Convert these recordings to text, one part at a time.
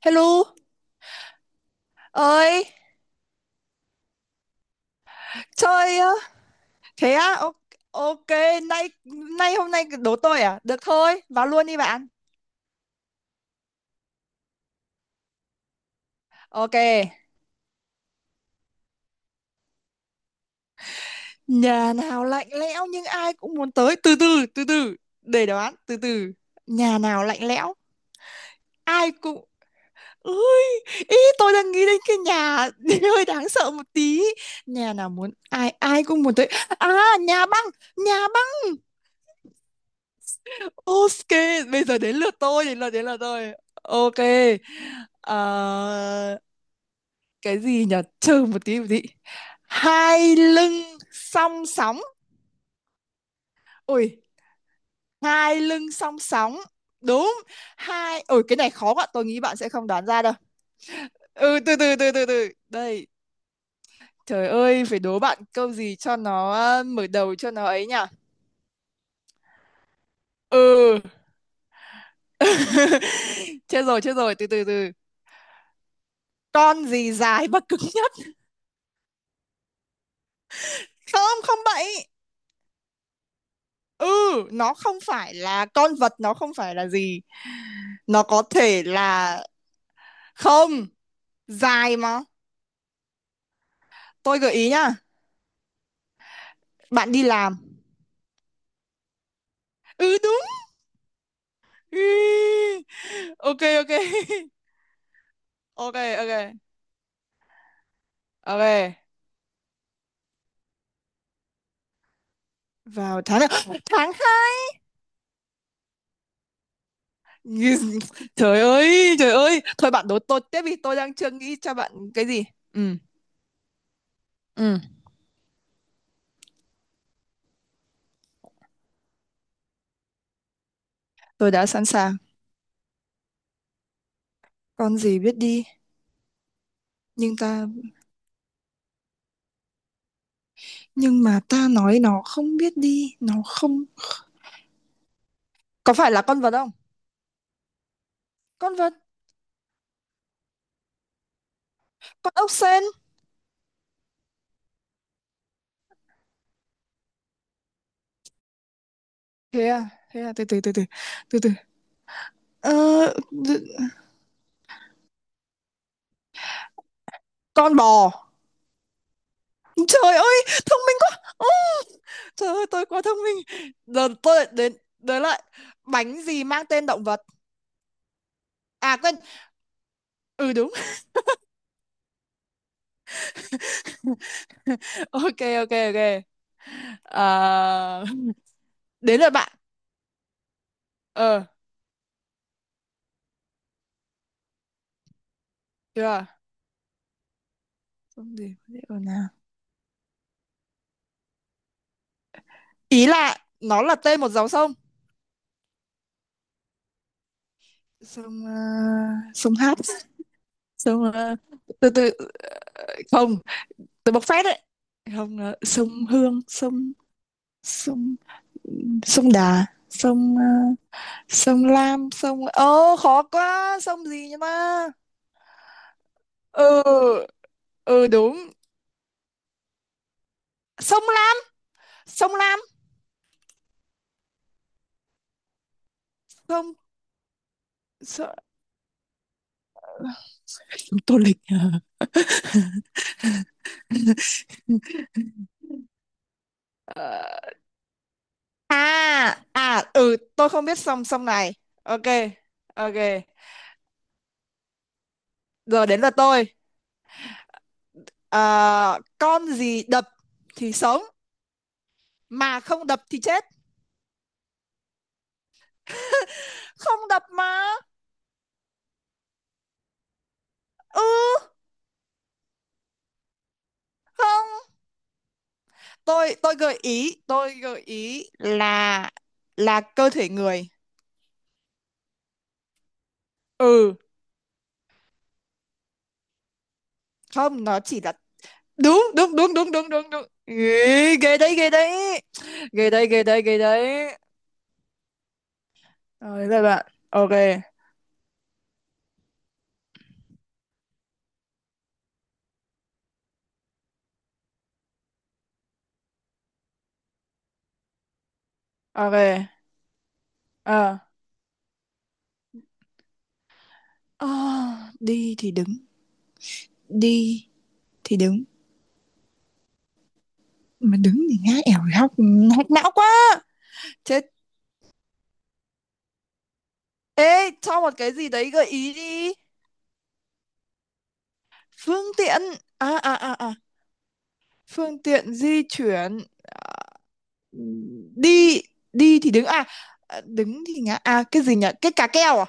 Hello, ơi, chơi á. Thế á, ok, nay nay hôm nay đố tôi à? Được thôi, vào luôn đi bạn. Ok, nhà nào lạnh lẽo nhưng ai cũng muốn tới. Từ từ, từ từ, để đoán, từ từ. Nhà nào lạnh lẽo, ai cũng... Ui, ý tôi đang nghĩ đến cái nhà hơi đáng sợ một tí. Nhà nào muốn ai ai cũng muốn tới. À, nhà băng, nhà băng. Ok, bây giờ đến lượt tôi, đến lượt tôi. Ok. Ờ, cái gì nhỉ? Trừ một tí một tí. Hai lưng song sóng. Ui, hai lưng song sóng. Đúng. Hai Ui, cái này khó quá, tôi nghĩ bạn sẽ không đoán ra đâu. Ừ, từ từ từ từ từ. Đây, trời ơi, phải đố bạn câu gì cho nó mở đầu cho nó ấy nhỉ? Ừ. Chết rồi, từ từ từ. Con gì dài và cứng nhất? Không, không bậy. Ừ, nó không phải là con vật, nó không phải là gì, nó có thể là. Không dài mà. Tôi gợi ý nhá. Bạn đi làm. Ừ đúng. Ừ. Ok, ok ok, ok, ok. Vào tháng nào? Tháng hai. Trời ơi, trời ơi, thôi bạn đố tôi tiếp vì tôi đang chưa nghĩ cho bạn cái gì. Ừ, ừ, tôi đã sẵn sàng. Con gì biết đi nhưng ta nhưng mà ta nói nó không biết đi, nó không. Có phải là con vật không? Con vật. Con ốc sên. Thế à, thế à, từ từ từ từ từ từ. ờ, d- con bò. Trời ơi thông minh quá. Ồ, trời ơi tôi quá thông minh. Giờ tôi lại đến. Tới lại. Bánh gì mang tên động vật? À quên. Ừ đúng. Ok, ok, ok. Ờ, đến lượt bạn. Ờ, được rồi. Sông gì có thể ở nào? Ý là nó là tên một dòng sông. Sông sông Hát. Sông từ từ. Không, tôi bộc phát đấy. Không, sông Hương. Sông sông sông Đà. Sông sông Lam. Sông, ơ khó quá, sông gì nhỉ, ma. Ừ. Ừ đúng. Sông Lam. Sông Lam. Sông sông, sông Tô Lịch. À. Ờ, à, à, ừ tôi không biết sông, sông này. Ok, ok. Giờ đến lượt tôi. Ờ, con gì đập thì sống mà không đập thì chết? Không đập mà. Ừ. Không, tôi tôi gợi ý, là cơ thể người. Ừ. Không, nó chỉ là. Đúng, đúng, đúng, đúng, đúng, đúng, đúng. Ghê, ghê đấy, ghê đấy, ghê đấy, ghê đấy, ghê đấy. Rồi, các bạn ok. Ok. Ờ. Ờ, đi thì đứng. Đi thì đứng mà đứng thì ngã. Ẻo hóc. Hóc não quá. Chết. Ê, cho một cái gì đấy gợi ý đi. Phương tiện. À, à, à, à. Phương tiện di chuyển. Ừ, đi đi thì đứng à? À, đứng thì ngã à, cái gì nhỉ, cái cà keo à?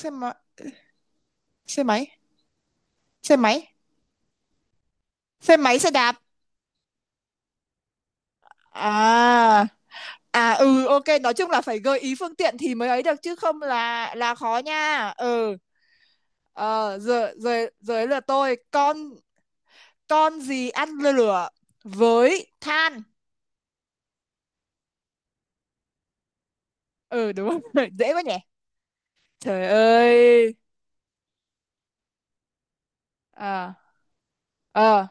Xe máy. Xe máy. Xe máy. Xe máy. Xe đạp. À, à, ừ, ok, nói chung là phải gợi ý phương tiện thì mới ấy được, chứ không là khó nha. Ừ. Ờ, giờ giờ giờ là tôi con. Con gì ăn lửa với than? Ừ đúng rồi. Dễ quá nhỉ. Trời ơi. À, ờ,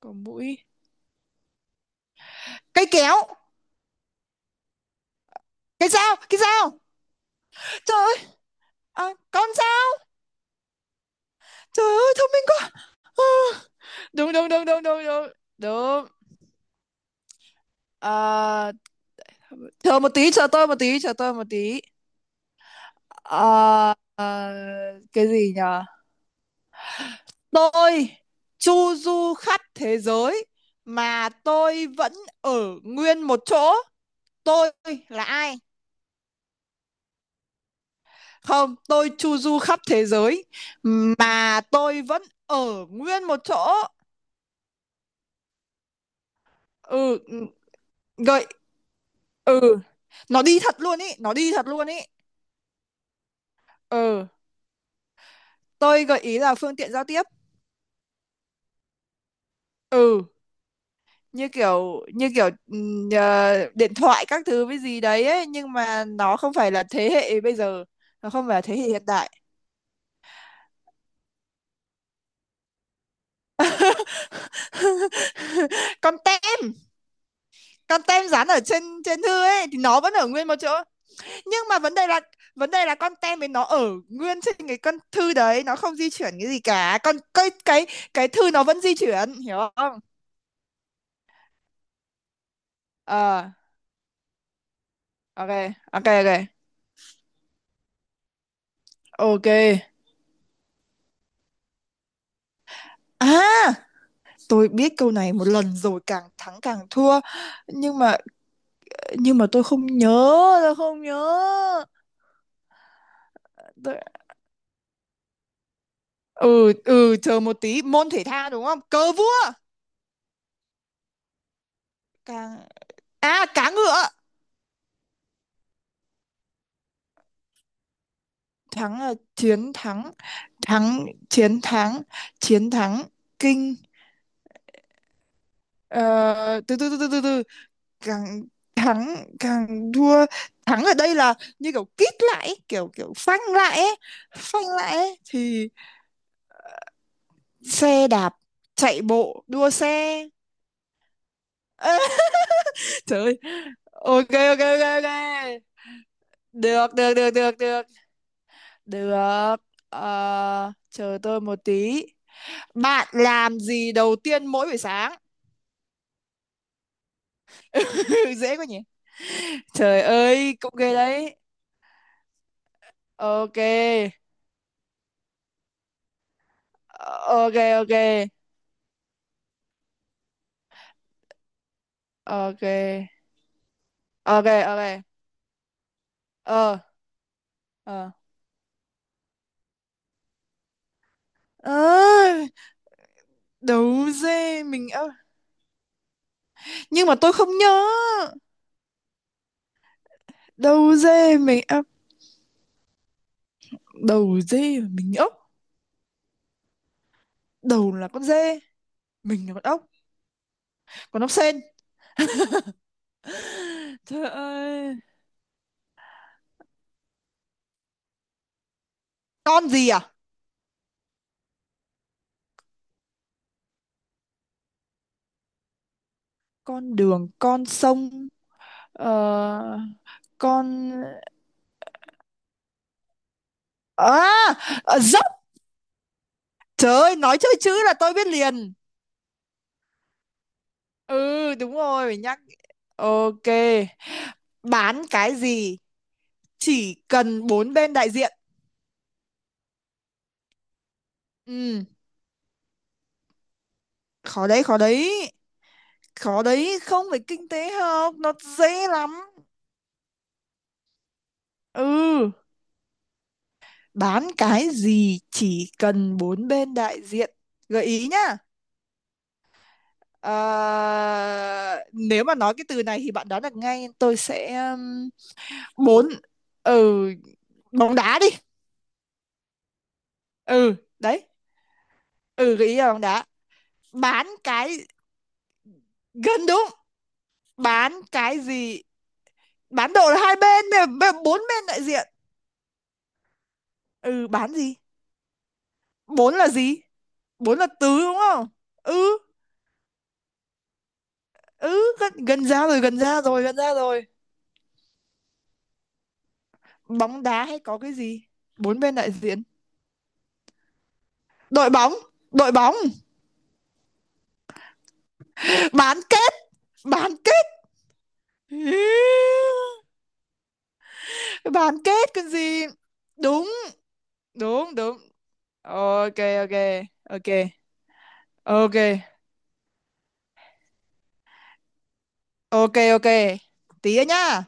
có mũi, cây kéo, cái dao, cái dao. Trời ơi. À, con dao. Trời ơi thông minh quá. Ờ, đúng, đúng, đúng, đúng, đúng, đúng, đúng. À, chờ một tí, chờ tôi một tí, chờ tôi một tí. À, à, cái gì nhở? Tôi chu du khắp thế giới mà tôi vẫn ở nguyên một chỗ. Tôi là ai? Không, tôi chu du khắp thế giới mà tôi vẫn ở nguyên một chỗ. Ừ, ừ, gợi. Ừ, nó đi thật luôn ý, nó đi thật luôn ý. Ừ. Tôi gợi ý là phương tiện giao tiếp. Ừ. Như kiểu, như kiểu điện thoại các thứ với gì đấy ấy, nhưng mà nó không phải là thế hệ bây giờ. Nó không phải là thế hệ hiện đại. Con tem. Con tem dán ở trên trên thư ấy thì nó vẫn ở nguyên một chỗ. Nhưng mà vấn đề là, con tem ấy nó ở nguyên trên cái con thư đấy, nó không di chuyển cái gì cả. Con cái, cái. Cái thư nó vẫn di chuyển, hiểu không? Ờ, ok, ok, ok, ok. À, tôi biết câu này một lần rồi, càng thắng càng thua. Nhưng mà, tôi không nhớ. Tôi không nhớ. Tôi... Ừ, ừ, chờ một tí. Môn thể thao đúng không? Cờ vua. Càng. À, cá ngựa. Thắng là chiến thắng. Thắng, chiến thắng. Chiến thắng. Kinh. Ờ, từ từ từ từ từ từ. Càng thắng càng thua. Thắng ở đây là như kiểu kít lại ấy, kiểu, kiểu phanh lại ấy, phanh lại ấy, thì. Xe đạp. Chạy bộ, đua xe. Ơ. Trời ơi. Ok, ok, ok, ok. Được, được, được, được, được, được. Ờ, chờ tôi một tí. Bạn làm gì đầu tiên mỗi buổi sáng? Dễ quá nhỉ. Trời ơi cũng ghê đấy. Ok. Ờ, ok. Ok, ok, ok, ok, Ờ, ờ. À, đầu dê mình ốc. Nhưng mà tôi không nhớ. Đầu dê mình ốc. Đầu dê mà mình ốc. Đầu là con dê. Mình là con ốc. Con ốc sên. Trời ơi. Con gì à? Con đường, con sông. Ờ. Con. À, à, dốc. Trời ơi, nói chơi chữ là tôi biết liền. Ừ đúng rồi phải nhắc. Ok. Bán cái gì chỉ cần bốn bên đại diện? Ừ. Khó đấy, khó đấy. Khó đấy, không phải kinh tế học, nó dễ lắm. Ừ. Bán cái gì chỉ cần bốn bên đại diện? Gợi ý nhá. Ờ, nếu mà nói cái từ này thì bạn đoán được ngay, tôi sẽ bốn. Ừ. Bóng đá đi. Ừ đấy. Ừ, gợi ý là bóng đá. Bán cái. Gần đúng. Bán cái gì? Bán độ là hai bên, bốn bên đại diện. Ừ, bán gì? Bốn là gì? Bốn là tứ đúng không? Ừ. Ừ, gần, gần ra rồi, gần ra rồi, gần ra rồi. Bóng đá hay có cái gì? Bốn bên đại diện. Đội bóng. Đội bóng. Bán kết. Bán kết. Bán kết cái gì. Đúng, đúng, đúng. Ok, ok, ok, ok, ok, ok. Tí nữa nhá.